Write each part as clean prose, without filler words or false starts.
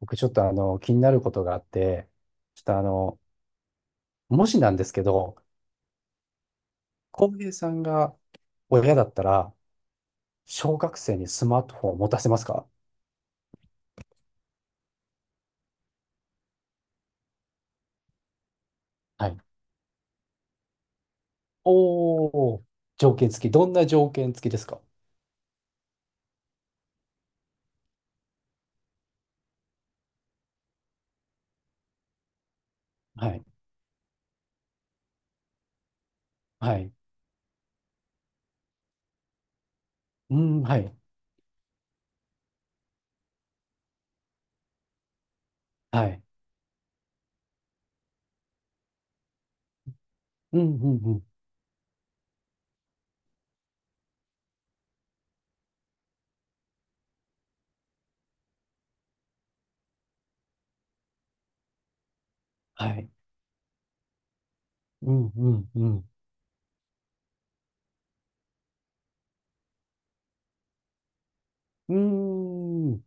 僕ちょっと気になることがあって、ちょっともしなんですけど、浩平さんが親だったら、小学生にスマートフォンを持たせますか？はい。おー、条件付き。どんな条件付きですか？はい。はい。うん、はい。はい。うん、うん、うん。はい。うん、うん、うん。うーん。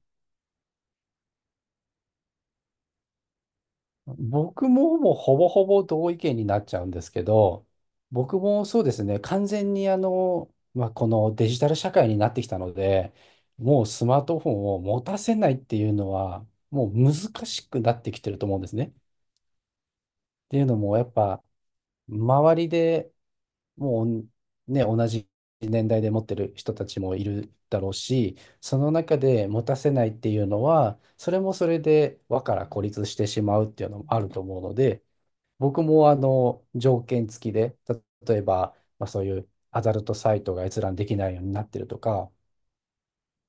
僕ももうほぼほぼ同意見になっちゃうんですけど、僕もそうですね、完全にまあ、このデジタル社会になってきたので、もうスマートフォンを持たせないっていうのは、もう難しくなってきてると思うんですね。っていうのも、やっぱ、周りでもうね、同じ年代で持ってる人たちもいるだろうし、その中で持たせないっていうのは、それもそれで輪から孤立してしまうっていうのもあると思うので、僕もあの条件付きで、例えば、まあ、そういうアダルトサイトが閲覧できないようになってるとか、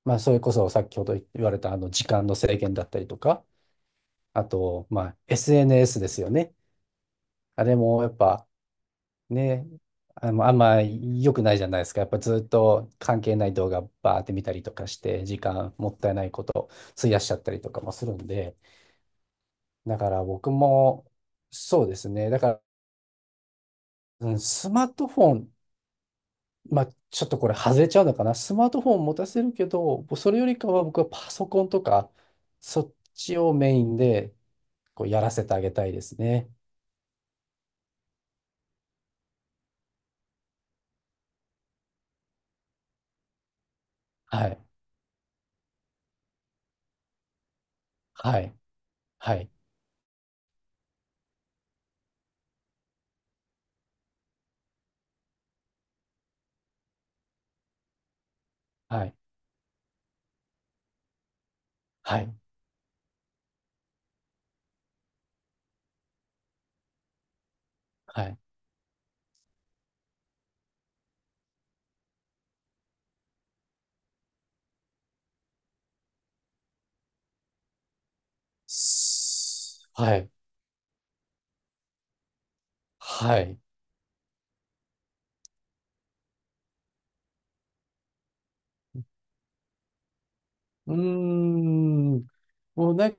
まあ、それこそ先ほど言われたあの時間の制限だったりとか、あと、まあ、SNS ですよね。あれもやっぱね、まあんま良くないじゃないですか。やっぱずっと関係ない動画バーって見たりとかして、時間もったいないこと費やしちゃったりとかもするんで、だから僕もそうですね。だから、うん、スマートフォン、まあ、ちょっとこれ外れちゃうのかな。スマートフォン持たせるけど、それよりかは僕はパソコンとか、そっちをメインでこうやらせてあげたいですね。はい。はい。はい。はい。はい。はい。はい。はい。うーん。もうなんか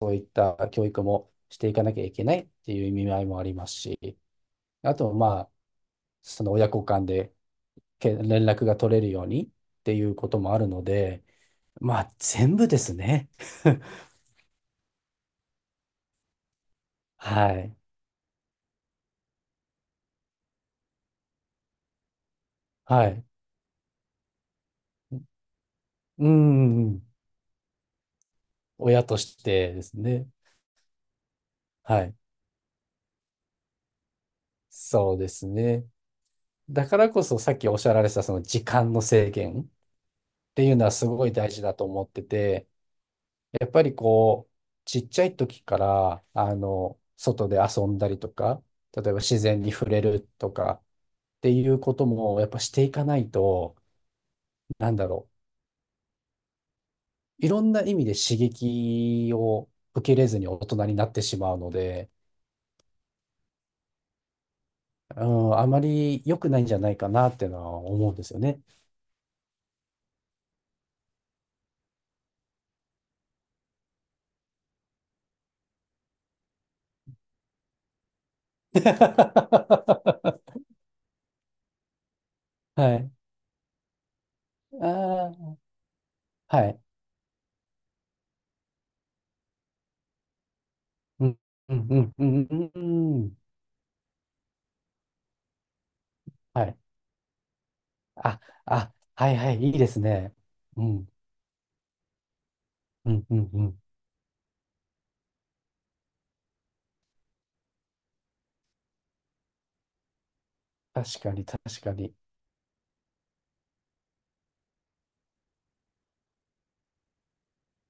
そういった教育もしていかなきゃいけないっていう意味合いもありますし、あと、まあ、その親子間で連絡が取れるようにっていうこともあるので、まあ、全部ですね。はい。はい。うん、親としてですね。はい。そうですね。だからこそさっきおっしゃられたその時間の制限っていうのはすごい大事だと思ってて、やっぱりこう、ちっちゃい時から、外で遊んだりとか、例えば自然に触れるとかっていうこともやっぱしていかないと、なんだろう。いろんな意味で刺激を受けれずに大人になってしまうので、うん、あまり良くないんじゃないかなっていうのは思うんですよね。はい。ああ、はい。うん、うん、うん、うん、うんうんうん。はい。あ、あ、はい、はい、いいですね。うん、うん、うん、うん。確かに、確かに。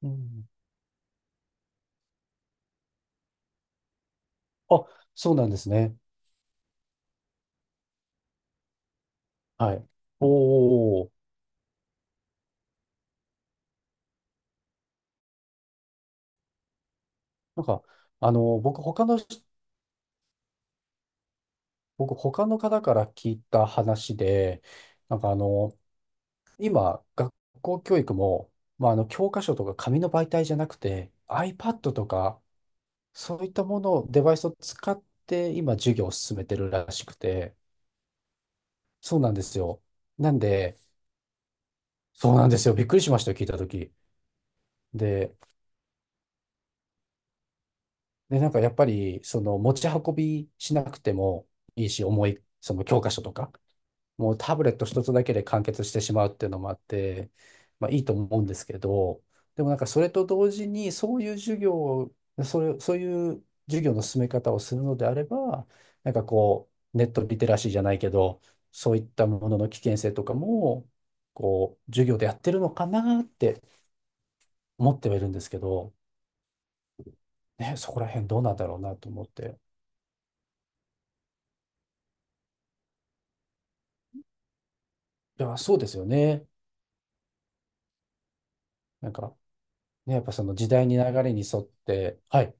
うん。あ、そうなんですね。はい。おお、なんか、あの、僕、他の人僕、他の方から聞いた話で、なんか今、学校教育も、まあ、教科書とか紙の媒体じゃなくて、iPad とか、そういったものを、デバイスを使って、今、授業を進めてるらしくて、そうなんですよ。なんで、そうなんですよ。びっくりしましたよ、聞いたとき。で、なんかやっぱり、その、持ち運びしなくてもいいし、重い、その教科書とか、もうタブレット一つだけで完結してしまうっていうのもあって、まあいいと思うんですけど、でもなんかそれと同時に、そういう授業を、それ、そういう授業の進め方をするのであれば、なんかこう、ネットリテラシーじゃないけど、そういったものの危険性とかも、こう、授業でやってるのかなって思ってはいるんですけど、ね、そこら辺どうなんだろうなと思って。いや、そうですよね。なんか、ね、やっぱその時代に流れに沿って、はい、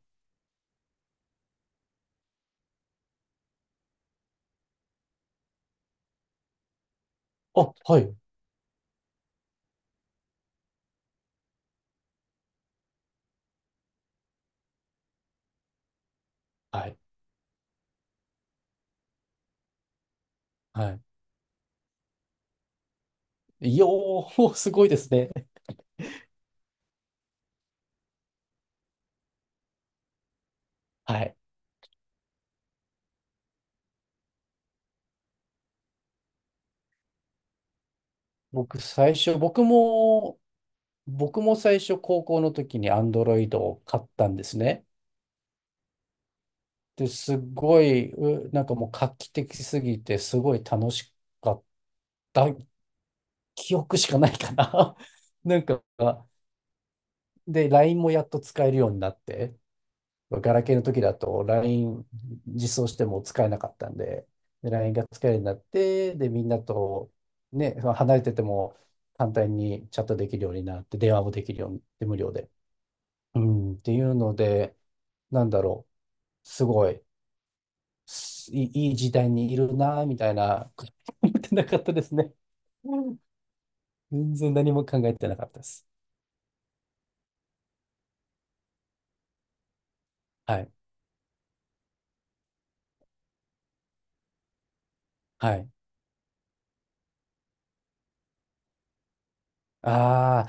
あ、はい、はい。はい、いやー、すごいですね。はい。僕、最初、僕も、僕も最初、高校の時に Android を買ったんですね。で、すごい、なんかもう画期的すぎて、すごい楽しかった記憶しかないかな。なんか、で、LINE もやっと使えるようになって、ガラケーの時だと LINE 実装しても使えなかったんで、で LINE が使えるようになって、で、みんなとね、離れてても簡単にチャットできるようになって、電話もできるようになって、無料で。うん、っていうので、なんだろう、すごい、すいい、い時代にいるな、みたいな、思ってなかったですね。うん、全然何も考えてなかったです。はい。はい。ああ、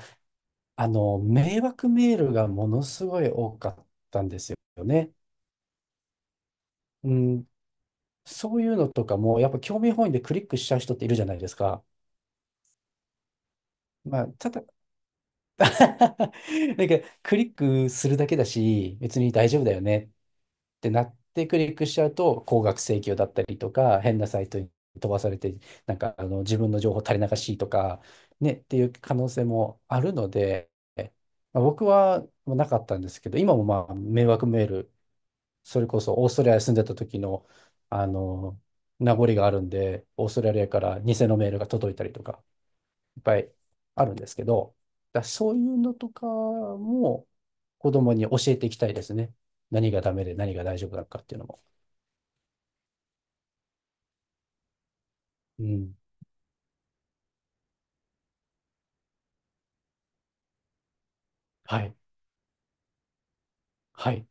迷惑メールがものすごい多かったんですよね。うん、そういうのとかも、やっぱ興味本位でクリックしちゃう人っているじゃないですか。まあ、ただ、なんか、クリックするだけだし、別に大丈夫だよねってなってクリックしちゃうと、高額請求だったりとか、変なサイトに飛ばされて、なんか、自分の情報垂れ流しとか、ね、っていう可能性もあるので、まあ、僕はなかったんですけど、今もまあ、迷惑メールそれこそオーストラリアに住んでた時の、あの、名残があるんで、オーストラリアから偽のメールが届いたりとか、いっぱいあるんですけど、そういうのとかも子供に教えていきたいですね。何がダメで何が大丈夫なのかっていうのも。うん。はい。はい。